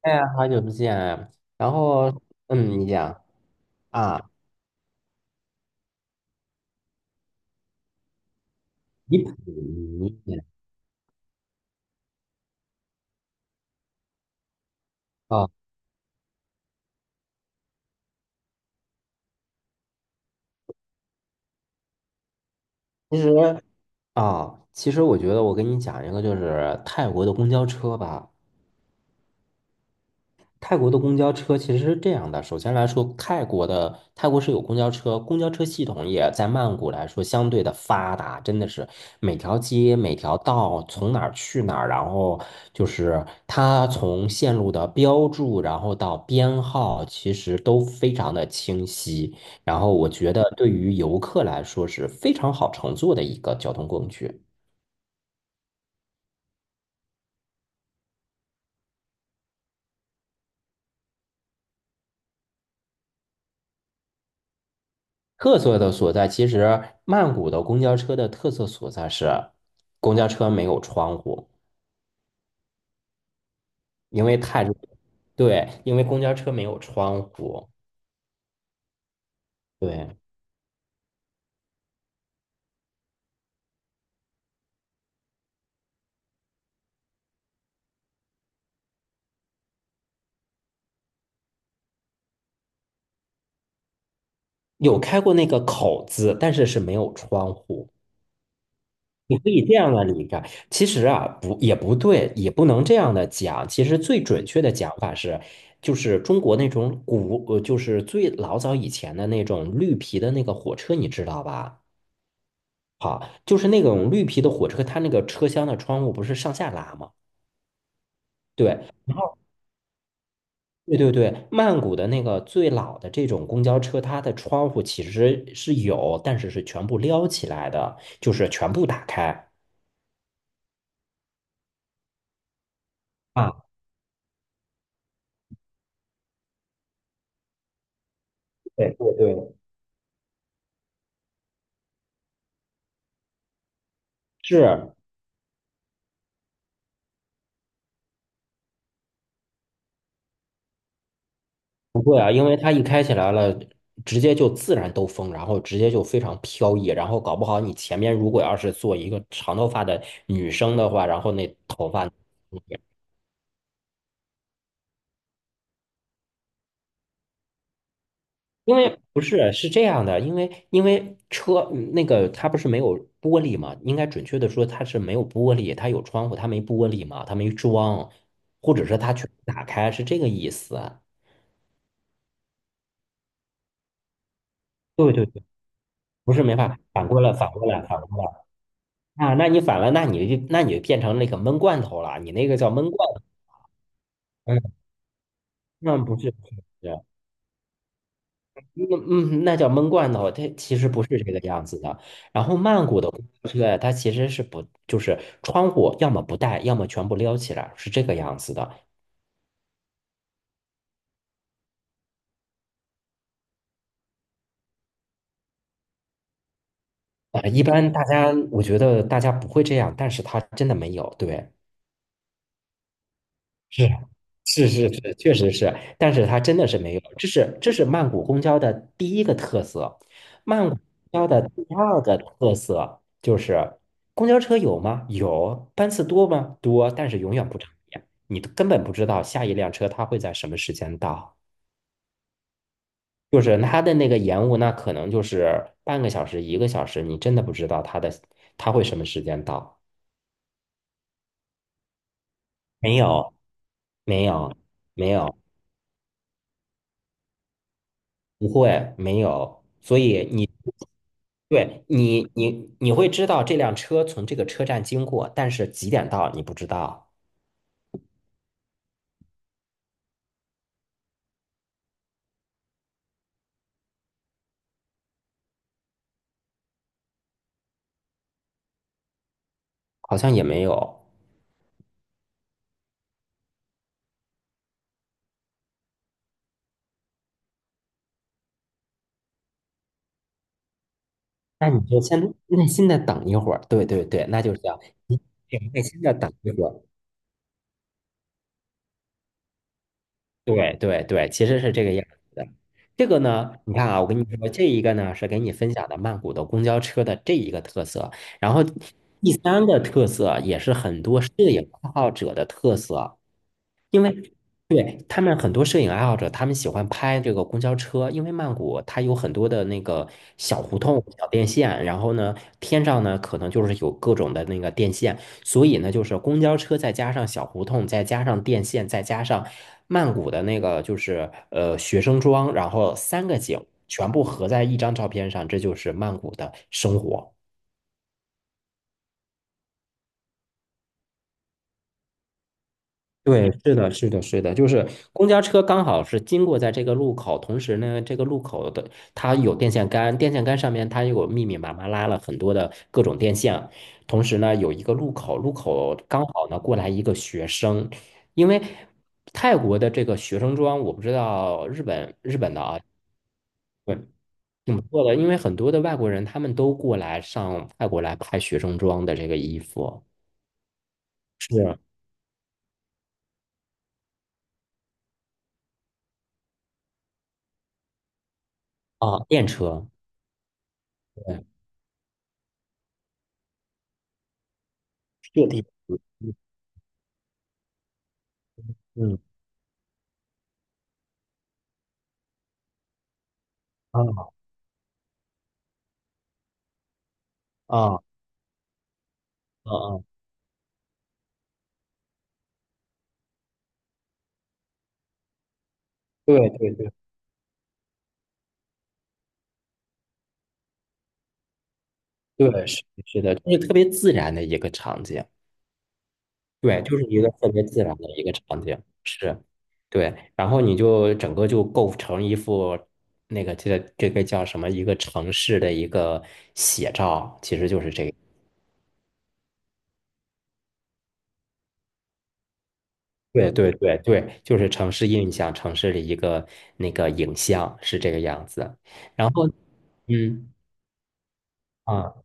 哎，好久不见啊。然后，你讲啊，你普尼啊，哦，其实其实我觉得我跟你讲一个，就是泰国的公交车吧。泰国的公交车其实是这样的，首先来说，泰国是有公交车，公交车系统也在曼谷来说相对的发达，真的是每条街每条道从哪儿去哪儿，然后就是它从线路的标注，然后到编号，其实都非常的清晰。然后我觉得对于游客来说是非常好乘坐的一个交通工具。特色的所在，其实曼谷的公交车的特色所在是，公交车没有窗户，因为太热。对，因为公交车没有窗户。对，有开过那个口子，但是是没有窗户。你可以这样的理解，其实啊，不也不对，也不能这样的讲。其实最准确的讲法是，就是中国那种古，就是最老早以前的那种绿皮的那个火车，你知道吧？好，就是那种绿皮的火车，它那个车厢的窗户不是上下拉吗？对，对对对，曼谷的那个最老的这种公交车，它的窗户其实是有，但是是全部撩起来的，就是全部打开。啊，对对对，是。不会啊，因为它一开起来了，直接就自然兜风，然后直接就非常飘逸，然后搞不好你前面如果要是坐一个长头发的女生的话，然后那头发。因为不是是这样的，因为车那个它不是没有玻璃嘛，应该准确的说它是没有玻璃，它有窗户，它没玻璃嘛，它没装，或者是它全部打开，是这个意思。对对对，不是没法反过来，反过来，反过来。啊！那你反了，那你就变成那个闷罐头了，你那个叫闷罐头。嗯，那不是不是。嗯，那叫闷罐头，它其实不是这个样子的。然后曼谷的公交车，它其实是不，就是窗户要么不带，要么全部撩起来，是这个样子的。啊，一般大家我觉得大家不会这样，但是它真的没有，对。是是是是，确实是，但是它真的是没有，这是曼谷公交的第一个特色。曼谷公交的第二个特色就是公交车有吗？有，班次多吗？多，但是永远不长眼，你根本不知道下一辆车它会在什么时间到。就是它的那个延误，那可能就是半个小时、一个小时，你真的不知道它会什么时间到。没有，没有，没有，不会，没有。所以你对你，你会知道这辆车从这个车站经过，但是几点到你不知道，好像也没有。那你就先耐心的等一会儿，对对对，那就是这样，你得耐心的等一会儿。对对对，其实是这个样子的。这个呢，你看啊，我跟你说，这一个呢是给你分享的曼谷的公交车的这一个特色，然后第三个特色也是很多摄影爱好者的特色。因为对他们很多摄影爱好者，他们喜欢拍这个公交车，因为曼谷它有很多的那个小胡同、小电线，然后呢，天上呢可能就是有各种的那个电线，所以呢，就是公交车再加上小胡同，再加上电线，再加上曼谷的那个就是学生装，然后三个景全部合在一张照片上，这就是曼谷的生活。对，是的，是的，是的，就是公交车刚好是经过在这个路口，同时呢，这个路口的它有电线杆，电线杆上面它有密密麻麻拉了很多的各种电线，同时呢，有一个路口，路口刚好呢过来一个学生，因为泰国的这个学生装，我不知道日本的啊，对，挺不错的，因为很多的外国人他们都过来上泰国来拍学生装的这个衣服，是啊，电车，对，坐地铁，嗯。啊啊啊！对对对对，是的，是的，就是特别自然的一个场景，对，就是一个特别自然的一个场景，是，对，然后你就整个就构成一幅那个这个叫什么一个城市的一个写照，其实就是这个，对对对对，就是城市印象，城市的一个那个影像是这个样子，然后嗯。啊。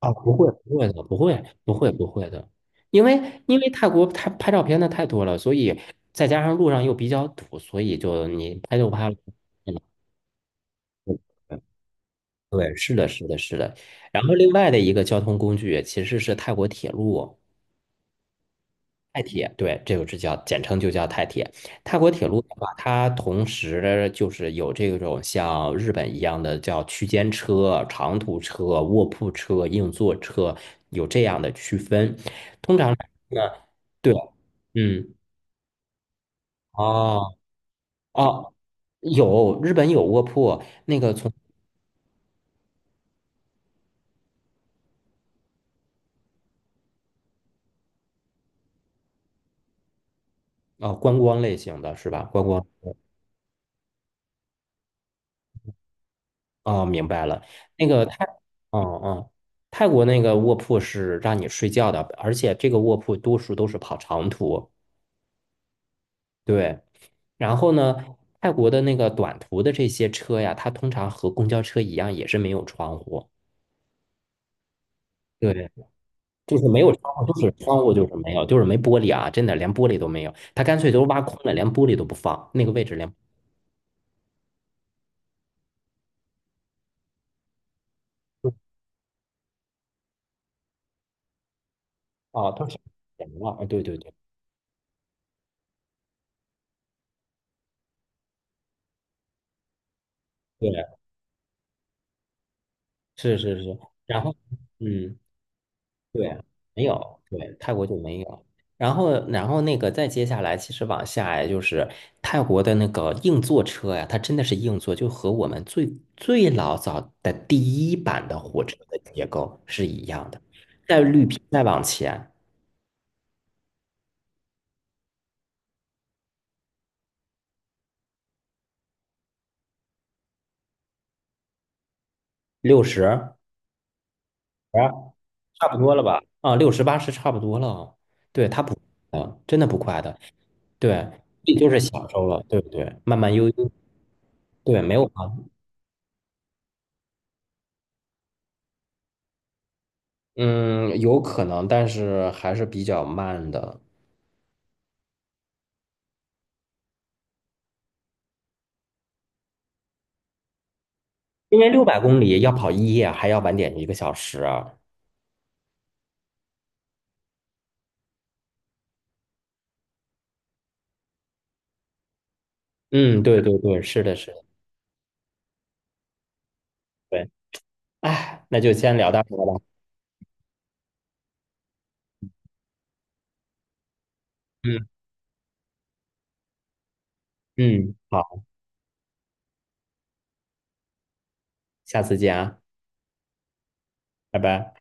啊，不会，不会的，不会，不会，不会的，因为泰国它拍照片的太多了，所以再加上路上又比较堵，所以就你拍就拍了。对，是的，是的，是的。然后另外的一个交通工具其实是泰国铁路。泰铁，对，这个就叫简称就叫泰铁。泰国铁路的话，它同时就是有这种像日本一样的叫区间车、长途车、卧铺车、硬座车，有这样的区分。通常呢，对，嗯，哦哦，有日本有卧铺，那个从观光类型的是吧？观光。哦，明白了。那个泰，哦哦，泰国那个卧铺是让你睡觉的，而且这个卧铺多数都是跑长途。对，然后呢，泰国的那个短途的这些车呀，它通常和公交车一样，也是没有窗户。对，就是没有窗户，就是窗户就是没有，就是没玻璃啊，真的连玻璃都没有，它干脆都挖空了，连玻璃都不放，那个位置连哦，都是人了。啊，对对对对，是是是，然后嗯。对，没有，对，泰国就没有。然后那个再接下来，其实往下呀，就是泰国的那个硬座车呀，它真的是硬座，就和我们最最老早的第一版的火车的结构是一样的。在绿皮再往前，六十，啊，差不多了吧？啊，60、80差不多了哦。对，它不，啊，真的不快的。对，也就是享受了，对不对？慢慢悠悠，对，没有。嗯，有可能，但是还是比较慢的，因为600公里要跑一夜，还要晚点一个小时啊。嗯，对对对，是的，是的，对。哎，那就先聊到这儿吧。嗯嗯，好，下次见啊，拜拜。